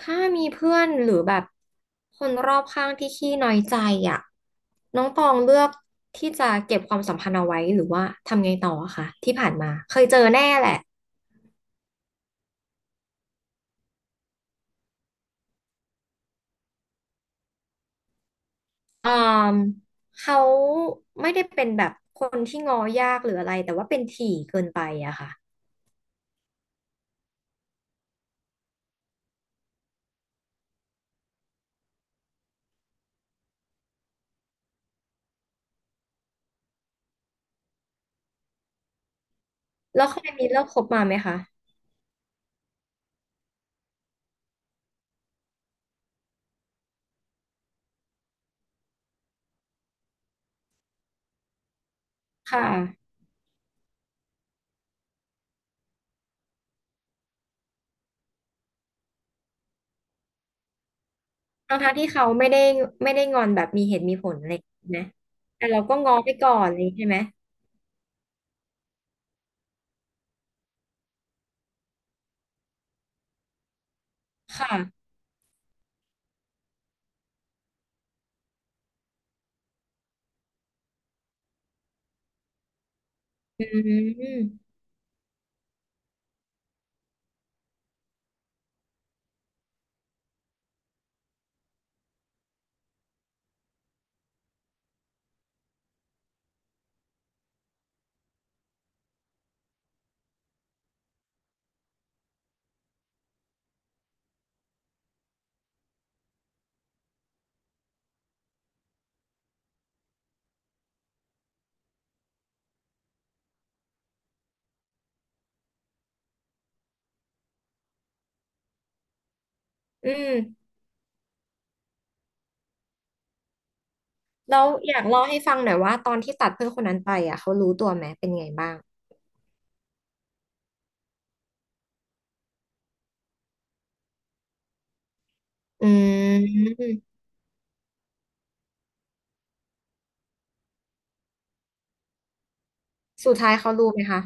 ถ้ามีเพื่อนหรือแบบคนรอบข้างที่ขี้น้อยใจอ่ะน้องตองเลือกที่จะเก็บความสัมพันธ์เอาไว้หรือว่าทำไงต่ออะคะที่ผ่านมาเคยเจอแน่แหละอืมเขาไม่ได้เป็นแบบคนที่ง้อยากหรืออะไรแต่ว่าเป็นถี่เกินไปอะค่ะแล้วเคยมีเลิกคบมาไหมคะค่ะทั้งทที่เขาไม่ได้งอนแบบมีเหตุมีผลอะไรนะแต่เราก็ง้อไปก่อนเลยใช่ไหมค่ะอืมอืม แล้วอยากเล่าให้ฟังหน่อยว่าตอนที่ตัดเพื่อนคนนั้นไปอ่ะเขารู้ตัวไหมเป็นไงบ้างอืมสุดท้ายเขารู้ไหมคะ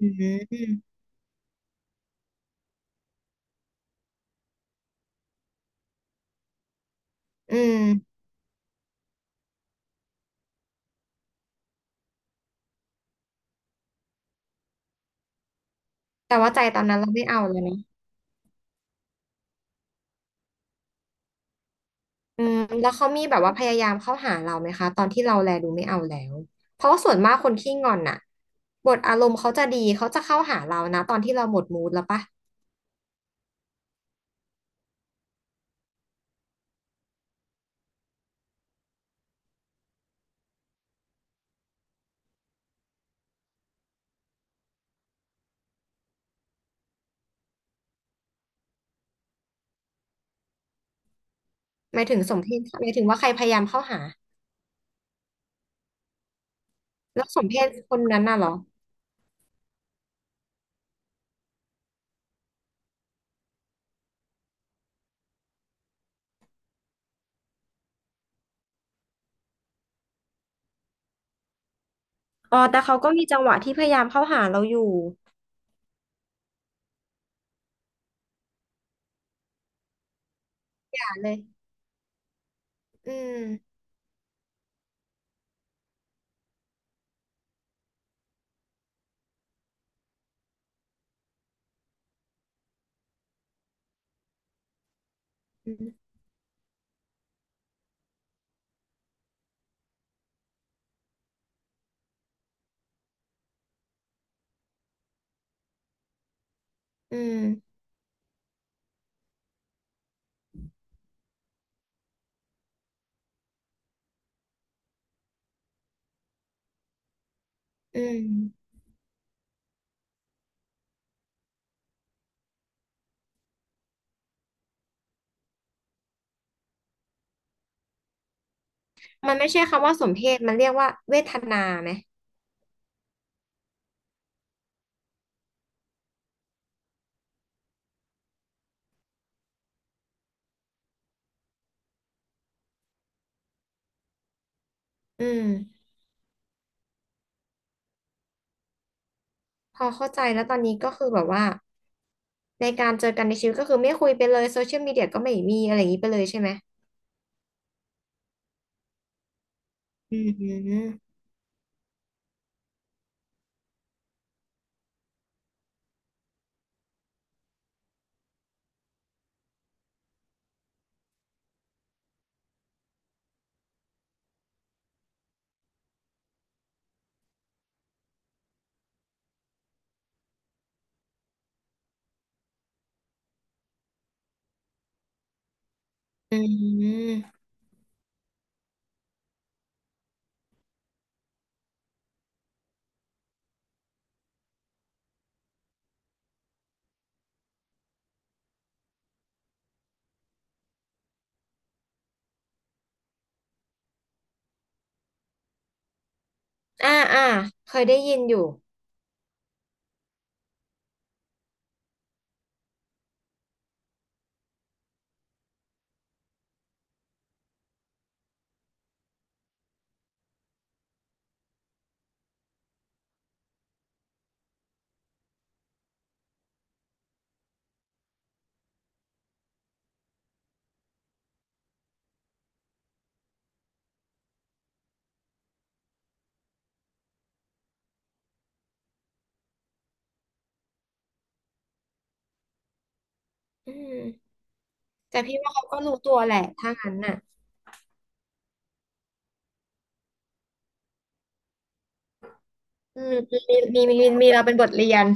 อืมอืมแต่ว่าใจตอนนั้นเราไม่เอาแล้วนะอืมแล้วเขามีแบบว่าพยายามเข้าหาเราไหมคะตอนที่เราแลดูไม่เอาแล้วเพราะว่าส่วนมากคนขี้งอนน่ะบทอารมณ์เขาจะดีเขาจะเข้าหาเรานะตอนที่เราหมดมูดแล้วปะหมายถึงสมเพศหมายถึงว่าใครพยายามเข้าหาแล้วสมเพศคนนั้นน่ะเหรออ๋อแต่เขาก็มีจังหวะที่พยายามเข้าหาเราอยู่อย่าเลยอืม อืมอืมอืมมันไม่ใช่คำว่าสมเพศ มันเรียกว่าเวทนาไหมอืมพอเข้าใจแล้วตอนนี้ก็คือแบบว่าในการเจอกันในชีวิตก็คือไม่คุยไปเลยโซเชียลมีเดียก็ไม่มีอะไรอย่างนี้ไปเลยใช่ไหมอืมอืมอ่าอ่าเคยได้ยินอยู่อืมแต่พี่ว่าเขาก็รู้ตัวแหละ ถ้างั้นน่ะอืมมีเราเป็นบทเรียน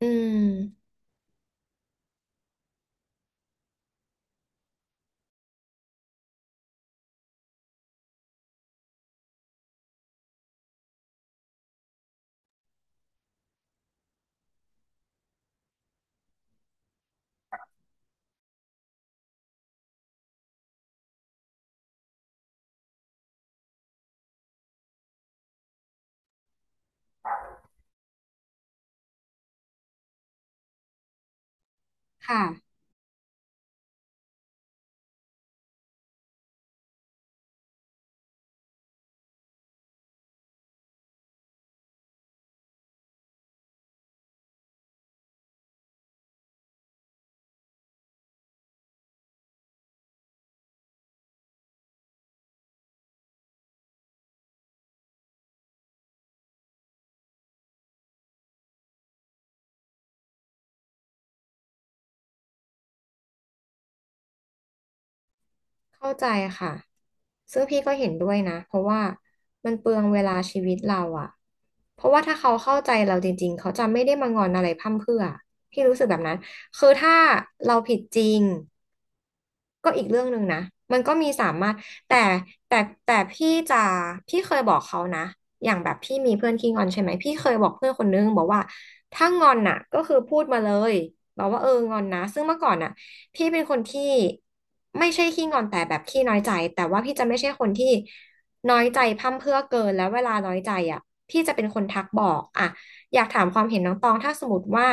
อืมค่ะ เข้าใจค่ะซึ่งพี่ก็เห็นด้วยนะ เพราะว่ามันเปลืองเวลาชีวิตเราอะเพราะว่าถ้าเขาเข้าใจเราจริงๆ เขาจะไม่ได้มางอนอะไรพร่ำเพรื่อพี่รู้สึกแบบนั้น คือถ้าเราผิดจริง ก็อีกเรื่องหนึ่งนะ มันก็มีสามารถ แต่แต่แต่พี่จะพี่เคยบอกเขานะ อย่างแบบพี่มีเพื่อนขี้งอนใช่ไหมพี่เคยบอกเพื่อนคนนึงบอกว่าถ้างอนน่ะก็คือพูดมาเลยบอกว่าเอองอนนะซึ่งเมื่อก่อนน่ะพี่เป็นคนที่ไม่ใช่ขี้งอนแต่แบบขี้น้อยใจแต่ว่าพี่จะไม่ใช่คนที่น้อยใจพร่ำเพรื่อเกินแล้วเวลาน้อยใจอ่ะพี่จะเป็นคนทักบอกอ่ะ อยากถามความเห็นน้องตองถ้าสมมติว่า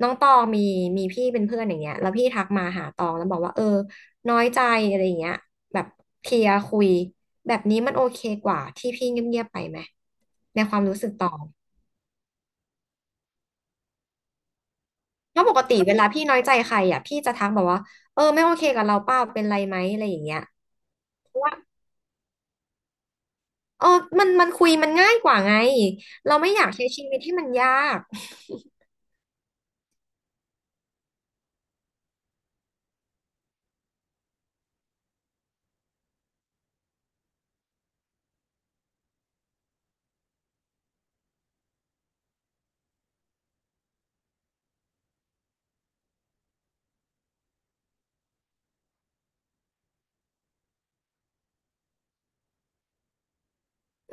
น้องตองมีพี่เป็นเพื่อนอย่างเงี้ยแล้วพี่ทักมาหาตองแล้วบอกว่าเออน้อยใจอะไรอย่างเงี้ยแบบเคลียร์คุยแบบนี้มันโอเคกว่าที่พี่เงียบๆไปไหมในความรู้สึกตองเพราะปกติเวลาพี่น้อยใจใครอ่ะพี่จะทักแบอกว่าเออไม่โอเคกับเราเปล่าเป็นไรไหมอะไรอย่างเงี้ยเพราะว่าเออมันคุยมันง่ายกว่าไงเราไม่อยากใช้ชีวิตที่มันยาก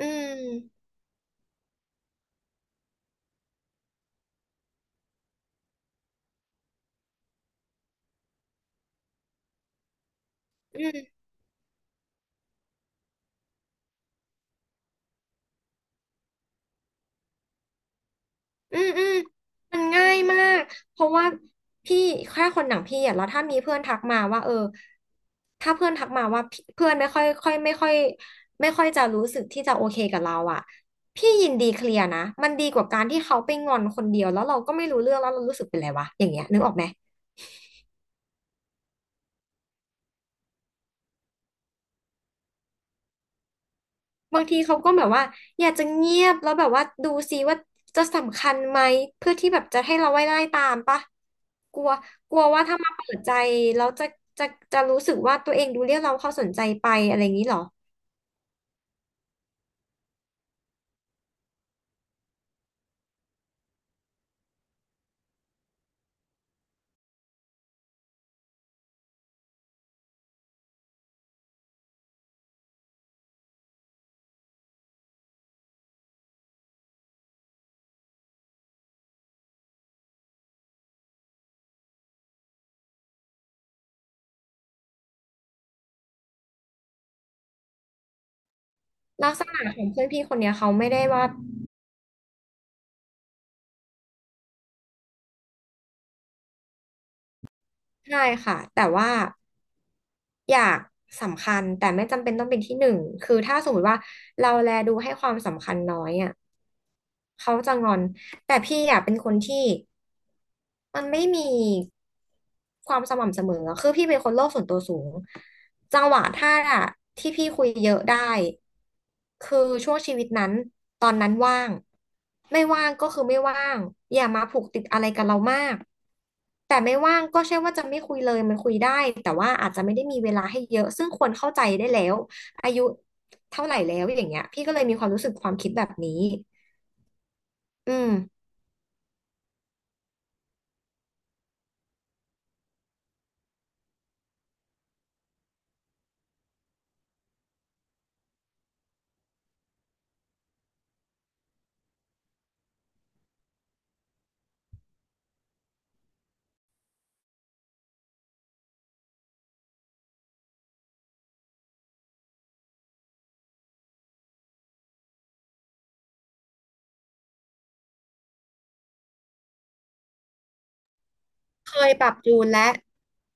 อืม อืมมันง่ายมากเพราะว่าพี่แค่คนหนังพี่อ่ะแล้วถ้ามีเพื่อนทักมาว่าเออถ้าเพื่อนทักมาว่าพี่เพื่อนไม่ค่อยค่อยไม่ค่อยไม่ค่อยจะรู้สึกที่จะโอเคกับเราอ่ะพี่ยินดีเคลียร์นะมันดีกว่าการที่เขาไปงอนคนเดียวแล้วเราก็ไม่รู้เรื่องแล้วเรารู้สึกเป็นไรวะอย่างเงี้ยนึกออกไหม บางทีเขาก็แบบว่าอยากจะเงียบแล้วแบบว่าดูซิว่าจะสำคัญไหมเพื่อที่แบบจะให้เราไว้ไล่ตามปะกลัวกลัวว่าถ้ามาเปิดใจแล้วจะจะรู้สึกว่าตัวเองดูเรียกเราเข้าสนใจไปอะไรอย่างนี้เหรอลักษณะของเพื่อนพี่คนเนี้ยเขาไม่ได้ว่าใช่ค่ะแต่ว่า อยากสำคัญแต่ไม่จำเป็นต้องเป็นที่หนึ่งคือถ้าสมมติว่าเราแลดูให้ความสำคัญน้อยอ่ะเขาจะงอนแต่พี่อ่ะเป็นคนที่มันไม่มีความสม่ำเสมออะคือพี่เป็นคนโลกส่วนตัวสูงจังหวะถ้าที่พี่คุยเยอะได้ คือช่วงชีวิตนั้นตอนนั้นว่างไม่ว่างก็คือไม่ว่างอย่ามาผูกติดอะไรกับเรามากแต่ไม่ว่างก็ใช่ว่าจะไม่คุยเลยมันคุยได้แต่ว่าอาจจะไม่ได้มีเวลาให้เยอะซึ่งควรเข้าใจได้แล้วอายุเท่าไหร่แล้วอย่างเงี้ยพี่ก็เลยมีความรู้สึกความคิดแบบนี้อืม เคยปรับจูนและ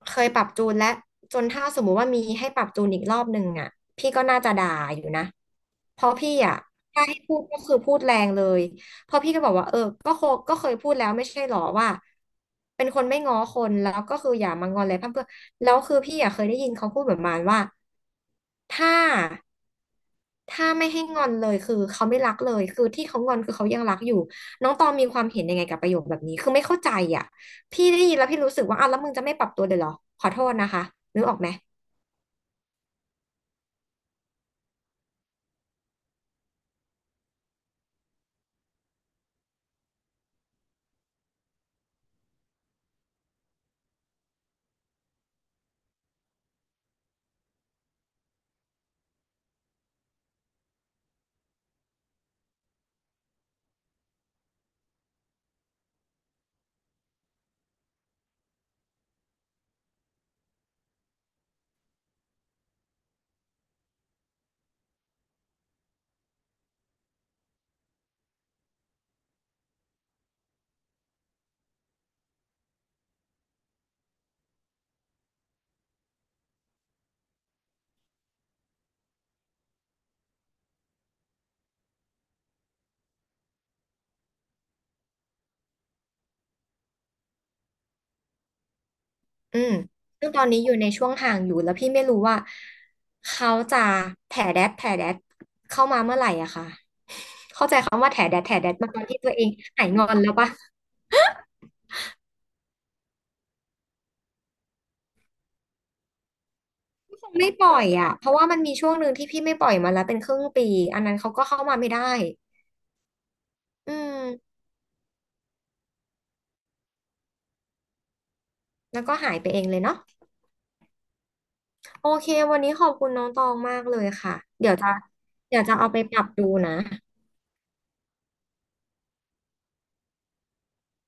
เคยปรับจูนและจนถ้าสมมุติว่ามีให้ปรับจูนอีกรอบหนึ่งอ่ะพี่ก็น่าจะด่าอยู่นะเพราะพี่อ่ะถ้าให้พูดก็คือพูดแรงเลยเพราะพี่ก็บอกว่าเออก็โคก็เคยพูดแล้วไม่ใช่หรอว่าเป็นคนไม่ง้อคนแล้วก็คืออย่ามางอนเลยเพร่ำเพื่อแล้วคือพี่อ่ะเคยได้ยินเขาพูดแบบประมาณว่าถ้า ถ้าไม่ให้งอนเลยคือเขาไม่รักเลยคือที่เขางอนคือเขายังรักอยู่น้องตองมีความเห็นยังไงกับประโยคแบบนี้คือไม่เข้าใจอ่ะพี่ได้ยินแล้วพี่รู้สึกว่าอ้าวแล้วมึงจะไม่ปรับตัวเลยเหรอขอโทษนะคะนึกออกไหมอืมซึ่งตอนนี้อยู่ในช่วงห่างอยู่แล้วพี่ไม่รู้ว่าเขาจะแถแดดเข้ามาเมื่อไหร่อะค่ะเข้าใจคำว่าแถแดดมาตอนที่ตัวเองหายงอนแล้วปะคงไม่ปล่อยอ่ะเพราะว่ามันมีช่วงหนึ่งที่พี่ไม่ปล่อยมาแล้วเป็นครึ่งปีอันนั้นเขาก็เข้ามาไม่ได้อืมแล้วก็หายไปเองเลยเนาะ โอเค วันนี้ขอบคุณน้องตองมากเลยค่ะ เดี๋ยวจะเดี๋ยวจะเอาไปปรับดูนะ